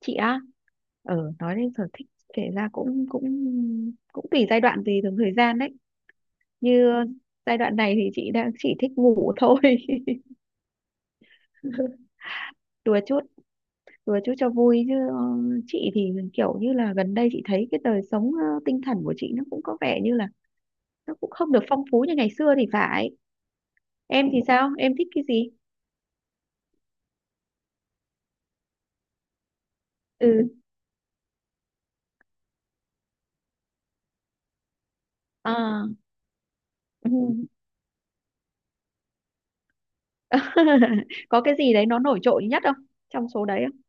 Chị á? Ờ, nói đến sở thích kể ra cũng cũng cũng tùy giai đoạn, tùy từng thời gian đấy. Như giai đoạn này thì chị đang chỉ thích ngủ thôi. Đùa chút, đùa chút cho vui chứ chị thì kiểu như là gần đây chị thấy cái đời sống tinh thần của chị nó cũng có vẻ như là nó cũng không được phong phú như ngày xưa thì phải. Em thì sao, em thích cái gì? Ừ. À. Ừ. Có cái gì đấy nó nổi trội nhất không, trong số đấy không?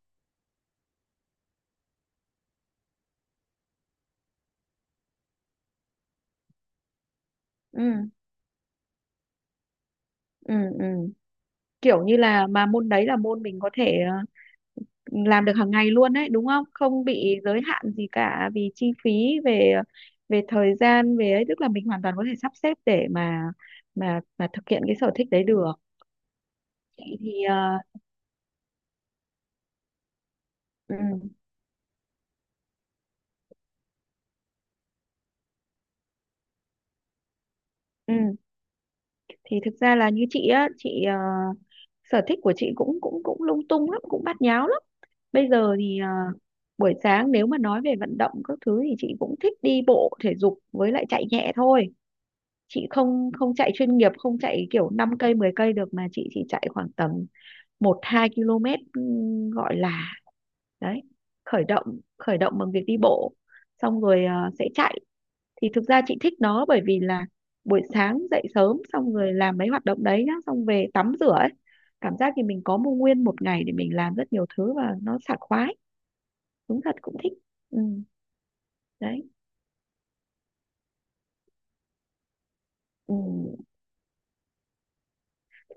Ừ ừ ừ, kiểu như là mà môn đấy là môn mình có thể làm được hàng ngày luôn đấy đúng không, không bị giới hạn gì cả vì chi phí về về thời gian, về ấy, tức là mình hoàn toàn có thể sắp xếp để mà thực hiện cái sở thích đấy được. Chị thì ừ, ừ, thì thực ra là như chị á, chị sở thích của chị cũng cũng cũng lung tung lắm, cũng bát nháo lắm. Bây giờ thì buổi sáng nếu mà nói về vận động các thứ thì chị cũng thích đi bộ thể dục với lại chạy nhẹ thôi. Chị không không chạy chuyên nghiệp, không chạy kiểu 5 cây 10 cây được, mà chị chỉ chạy khoảng tầm một 2 km. Gọi là đấy, khởi động bằng việc đi bộ, xong rồi sẽ chạy. Thì thực ra chị thích nó bởi vì là buổi sáng dậy sớm xong rồi làm mấy hoạt động đấy nhá, xong về tắm rửa ấy, cảm giác thì mình có một nguyên một ngày để mình làm rất nhiều thứ, và nó sảng khoái, đúng thật, cũng thích. Ừ, đấy. Ừ.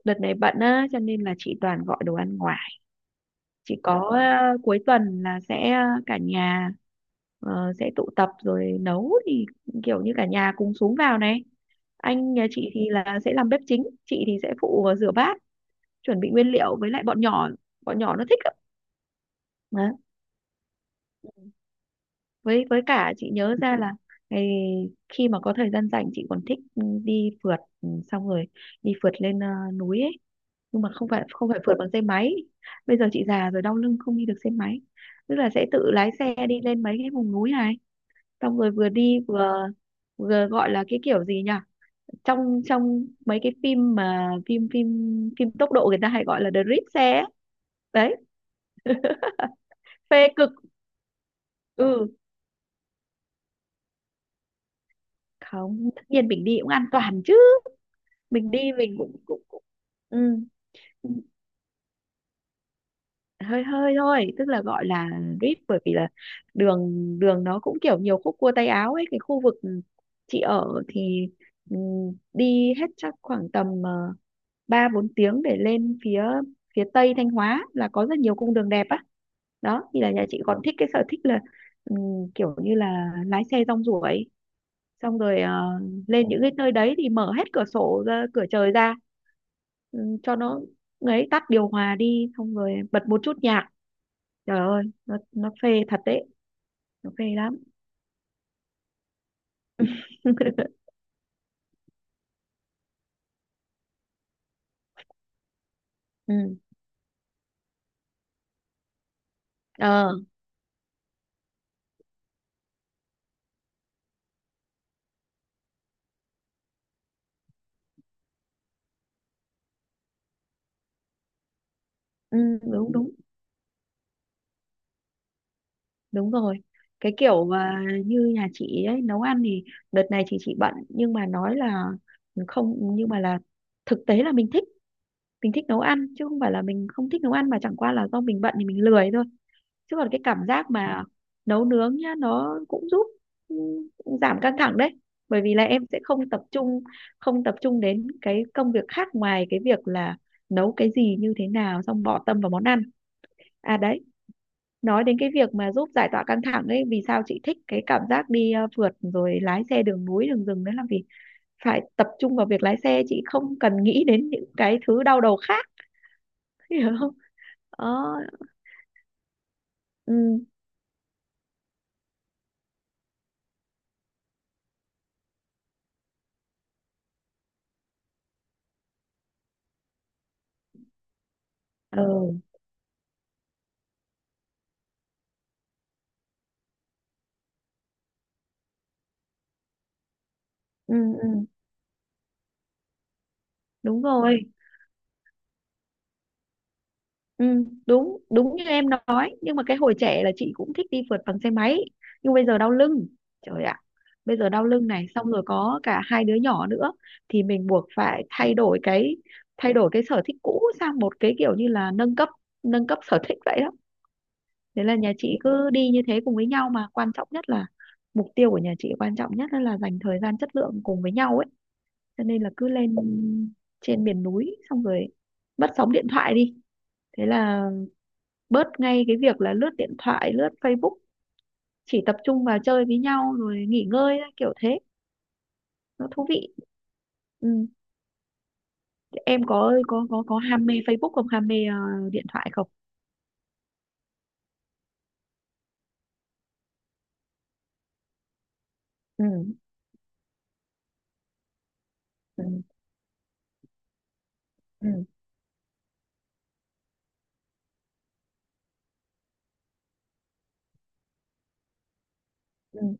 Đợt này bận á cho nên là chị toàn gọi đồ ăn ngoài, chỉ có cuối tuần là sẽ cả nhà sẽ tụ tập rồi nấu. Thì kiểu như cả nhà cùng xuống vào này, anh nhà chị thì là sẽ làm bếp chính, chị thì sẽ phụ rửa bát, chuẩn bị nguyên liệu, với lại bọn nhỏ nó thích ạ. Với cả chị nhớ ra là ngày khi mà có thời gian rảnh chị còn thích, ừ, đi phượt, ừ, xong rồi đi phượt lên núi ấy. Nhưng mà không phải phượt bằng xe máy, bây giờ chị già rồi, đau lưng không đi được xe máy, tức là sẽ tự lái xe đi lên mấy cái vùng núi này, xong rồi vừa đi vừa vừa gọi là cái kiểu gì nhỉ, trong trong mấy cái phim mà phim phim phim tốc độ người ta hay gọi là drift xe ấy. Đấy, phê cực. Ừ, không, tất nhiên mình đi cũng an toàn chứ, mình đi mình cũng cũng, cũng ừ, hơi hơi thôi, tức là gọi là drip, bởi vì là đường, đường nó cũng kiểu nhiều khúc cua tay áo ấy. Cái khu vực chị ở thì, ừ, đi hết chắc khoảng tầm 3-4 tiếng để lên phía phía tây Thanh Hóa là có rất nhiều cung đường đẹp á. Đó thì là nhà chị còn thích cái sở thích là, ừ, kiểu như là lái xe rong ruổi xong rồi lên những cái nơi đấy thì mở hết cửa sổ ra, cửa trời ra, ừ, cho nó ấy, tắt điều hòa đi xong rồi bật một chút nhạc, trời ơi, nó phê thật đấy, nó phê lắm. Ừ. Ờ. Ừ, đúng đúng, đúng rồi. Cái kiểu mà như nhà chị ấy nấu ăn thì đợt này chị bận, nhưng mà nói là không, nhưng mà là thực tế là mình thích, mình thích nấu ăn, chứ không phải là mình không thích nấu ăn, mà chẳng qua là do mình bận thì mình lười thôi. Chứ còn cái cảm giác mà nấu nướng nhá, nó cũng giúp, ừ, giảm căng thẳng đấy, bởi vì là em sẽ không tập trung, không tập trung đến cái công việc khác, ngoài cái việc là nấu cái gì như thế nào, xong bỏ tâm vào món ăn. À, đấy, nói đến cái việc mà giúp giải tỏa căng thẳng ấy, vì sao chị thích cái cảm giác đi phượt rồi lái xe đường núi đường rừng đấy, là vì phải tập trung vào việc lái xe, chị không cần nghĩ đến những cái thứ đau đầu khác. Hiểu không? Ờ. Ừ, ừ, ừ, ừ, đúng rồi. Ừ, đúng đúng như em nói, nhưng mà cái hồi trẻ là chị cũng thích đi phượt bằng xe máy, nhưng bây giờ đau lưng, trời ạ, bây giờ đau lưng này, xong rồi có cả hai đứa nhỏ nữa, thì mình buộc phải thay đổi cái, thay đổi cái sở thích cũ sang một cái kiểu như là nâng cấp, nâng cấp sở thích vậy đó. Thế là nhà chị cứ đi như thế cùng với nhau, mà quan trọng nhất là mục tiêu của nhà chị quan trọng nhất là dành thời gian chất lượng cùng với nhau ấy. Cho nên là cứ lên trên miền núi xong rồi mất sóng điện thoại đi, thế là bớt ngay cái việc là lướt điện thoại, lướt Facebook, chỉ tập trung vào chơi với nhau rồi nghỉ ngơi thôi, kiểu thế, nó thú vị. Ừ. Em có ham mê Facebook không, ham mê điện thoại không? Ừ. Ừ. Ừ. Ừ.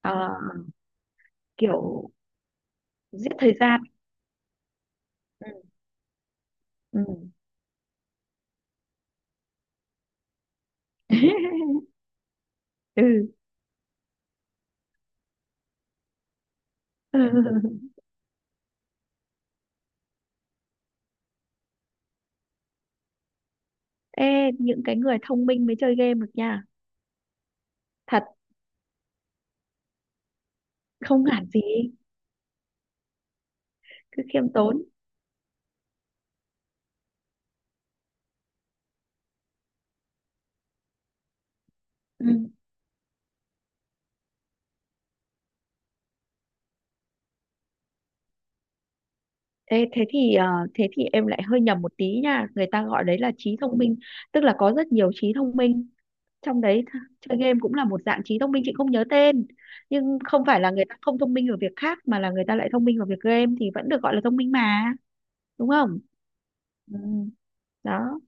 Ờ, kiểu giết thời gian. Ừ. Ừ. Ừ. Ừ. Ê, những cái người thông minh mới chơi game được nha. Thật. Không nản gì. Cứ khiêm tốn. Ừ. Ê, thế thì thế thì em lại hơi nhầm một tí nha, người ta gọi đấy là trí thông minh, tức là có rất nhiều trí thông minh, trong đấy chơi game cũng là một dạng trí thông minh, chị không nhớ tên, nhưng không phải là người ta không thông minh ở việc khác, mà là người ta lại thông minh ở việc game, thì vẫn được gọi là thông minh mà, đúng không? Ừ, đó.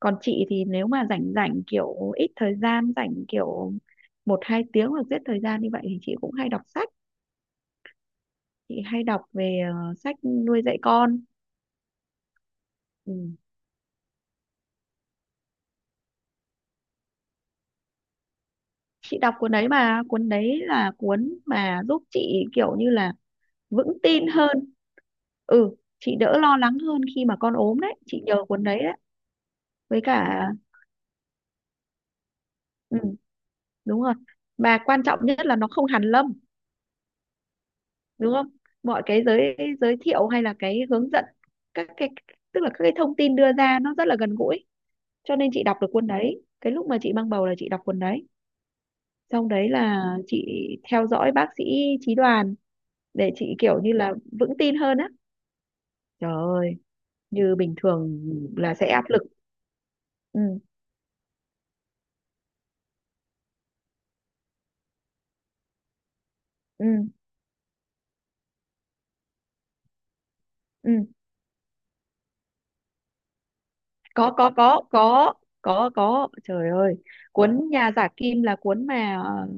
Còn chị thì nếu mà rảnh rảnh, kiểu ít thời gian rảnh, kiểu 1-2 tiếng hoặc giết thời gian như vậy, thì chị cũng hay đọc sách. Chị hay đọc về sách nuôi dạy con. Ừ. Chị đọc cuốn đấy mà, cuốn đấy là cuốn mà giúp chị kiểu như là vững tin hơn, ừ, chị đỡ lo lắng hơn khi mà con ốm đấy, chị nhờ cuốn đấy đấy. Với cả, ừ, đúng rồi, mà quan trọng nhất là nó không hàn lâm, đúng không, mọi cái giới, giới thiệu hay là cái hướng dẫn, các cái, tức là các cái thông tin đưa ra nó rất là gần gũi. Cho nên chị đọc được cuốn đấy cái lúc mà chị mang bầu, là chị đọc cuốn đấy xong, đấy là chị theo dõi bác sĩ Chí Đoàn, để chị kiểu như là vững tin hơn á. Trời ơi, như bình thường là sẽ áp lực. Ừ, ừ, ừ. Có, có, có, có, có, có. Trời ơi, cuốn Nhà giả kim là cuốn mà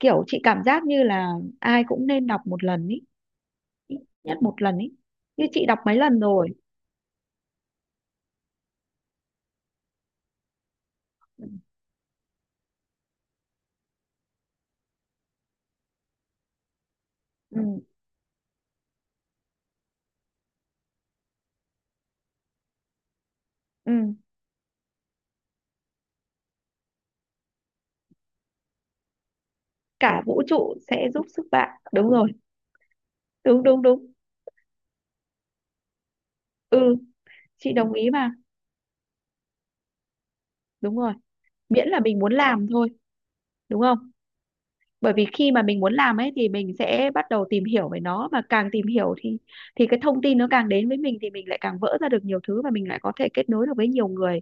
kiểu chị cảm giác như là ai cũng nên đọc một lần ý. Ít nhất một lần ý. Như chị đọc mấy lần rồi. Ừ, ừ. Ừ. Cả vũ trụ sẽ giúp sức bạn. Đúng rồi, đúng, đúng, đúng. Ừ, chị đồng ý mà. Đúng rồi. Miễn là mình muốn làm thôi, đúng không? Bởi vì khi mà mình muốn làm ấy, thì mình sẽ bắt đầu tìm hiểu về nó, mà càng tìm hiểu thì cái thông tin nó càng đến với mình, thì mình lại càng vỡ ra được nhiều thứ, và mình lại có thể kết nối được với nhiều người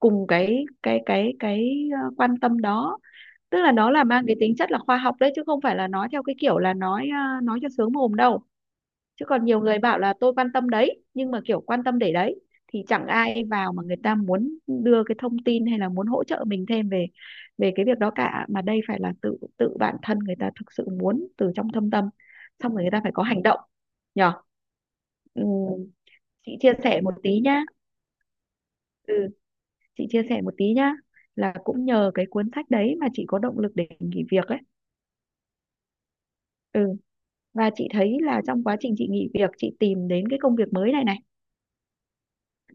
cùng cái quan tâm đó. Tức là nó là mang cái tính chất là khoa học đấy, chứ không phải là nói theo cái kiểu là nói, nói cho sướng mồm đâu. Chứ còn nhiều người bảo là tôi quan tâm đấy, nhưng mà kiểu quan tâm để đấy, thì chẳng ai vào mà người ta muốn đưa cái thông tin hay là muốn hỗ trợ mình thêm về về cái việc đó cả, mà đây phải là tự, tự bản thân người ta thực sự muốn từ trong thâm tâm, xong rồi người ta phải có hành động, nhở. Ừ, chị chia sẻ một tí nhá, ừ, chị chia sẻ một tí nhá, là cũng nhờ cái cuốn sách đấy mà chị có động lực để nghỉ việc ấy. Ừ. Và chị thấy là trong quá trình chị nghỉ việc, chị tìm đến cái công việc mới này này,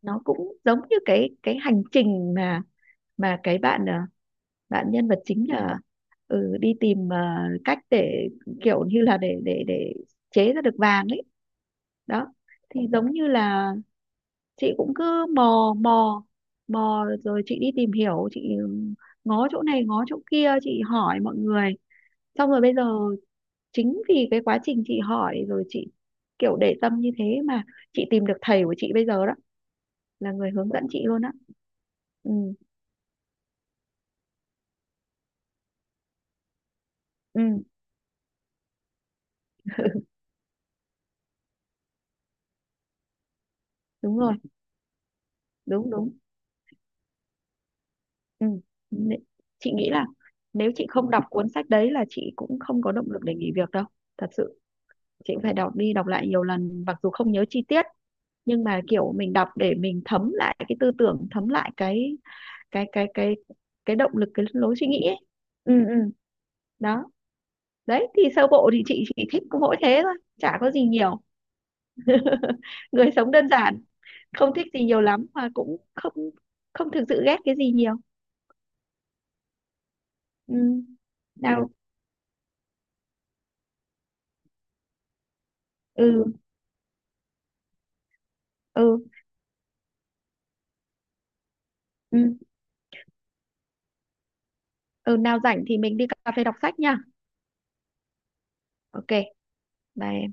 nó cũng giống như cái hành trình mà cái bạn, bạn nhân vật chính là, ừ, đi tìm, cách để kiểu như là để chế ra được vàng ấy. Đó, thì giống như là chị cũng cứ mò, mò rồi chị đi tìm hiểu, chị, ừ, ngó chỗ này ngó chỗ kia, chị hỏi mọi người, xong rồi bây giờ chính vì cái quá trình chị hỏi rồi chị kiểu để tâm như thế mà chị tìm được thầy của chị bây giờ đó, là người hướng dẫn chị luôn á. Ừ. Ừ. Đúng rồi, đúng đúng. Ừ. Nế- chị nghĩ là nếu chị không đọc cuốn sách đấy là chị cũng không có động lực để nghỉ việc đâu, thật sự. Chị cũng phải đọc đi đọc lại nhiều lần, mặc dù không nhớ chi tiết, nhưng mà kiểu mình đọc để mình thấm lại cái tư tưởng, thấm lại cái cái cái cái cái động lực, cái lối suy nghĩ ấy. Ừ. Ừ. Đó, đấy thì sơ bộ thì chị chỉ thích có mỗi thế thôi, chả có gì nhiều, người sống đơn giản, không thích gì nhiều lắm, mà cũng không, không thực sự ghét cái gì nhiều. Ừ. Ừ. Nào. Ừ. Ừ. Ừ ừ nào rảnh thì mình đi cà phê đọc sách nha. Ok. Bye.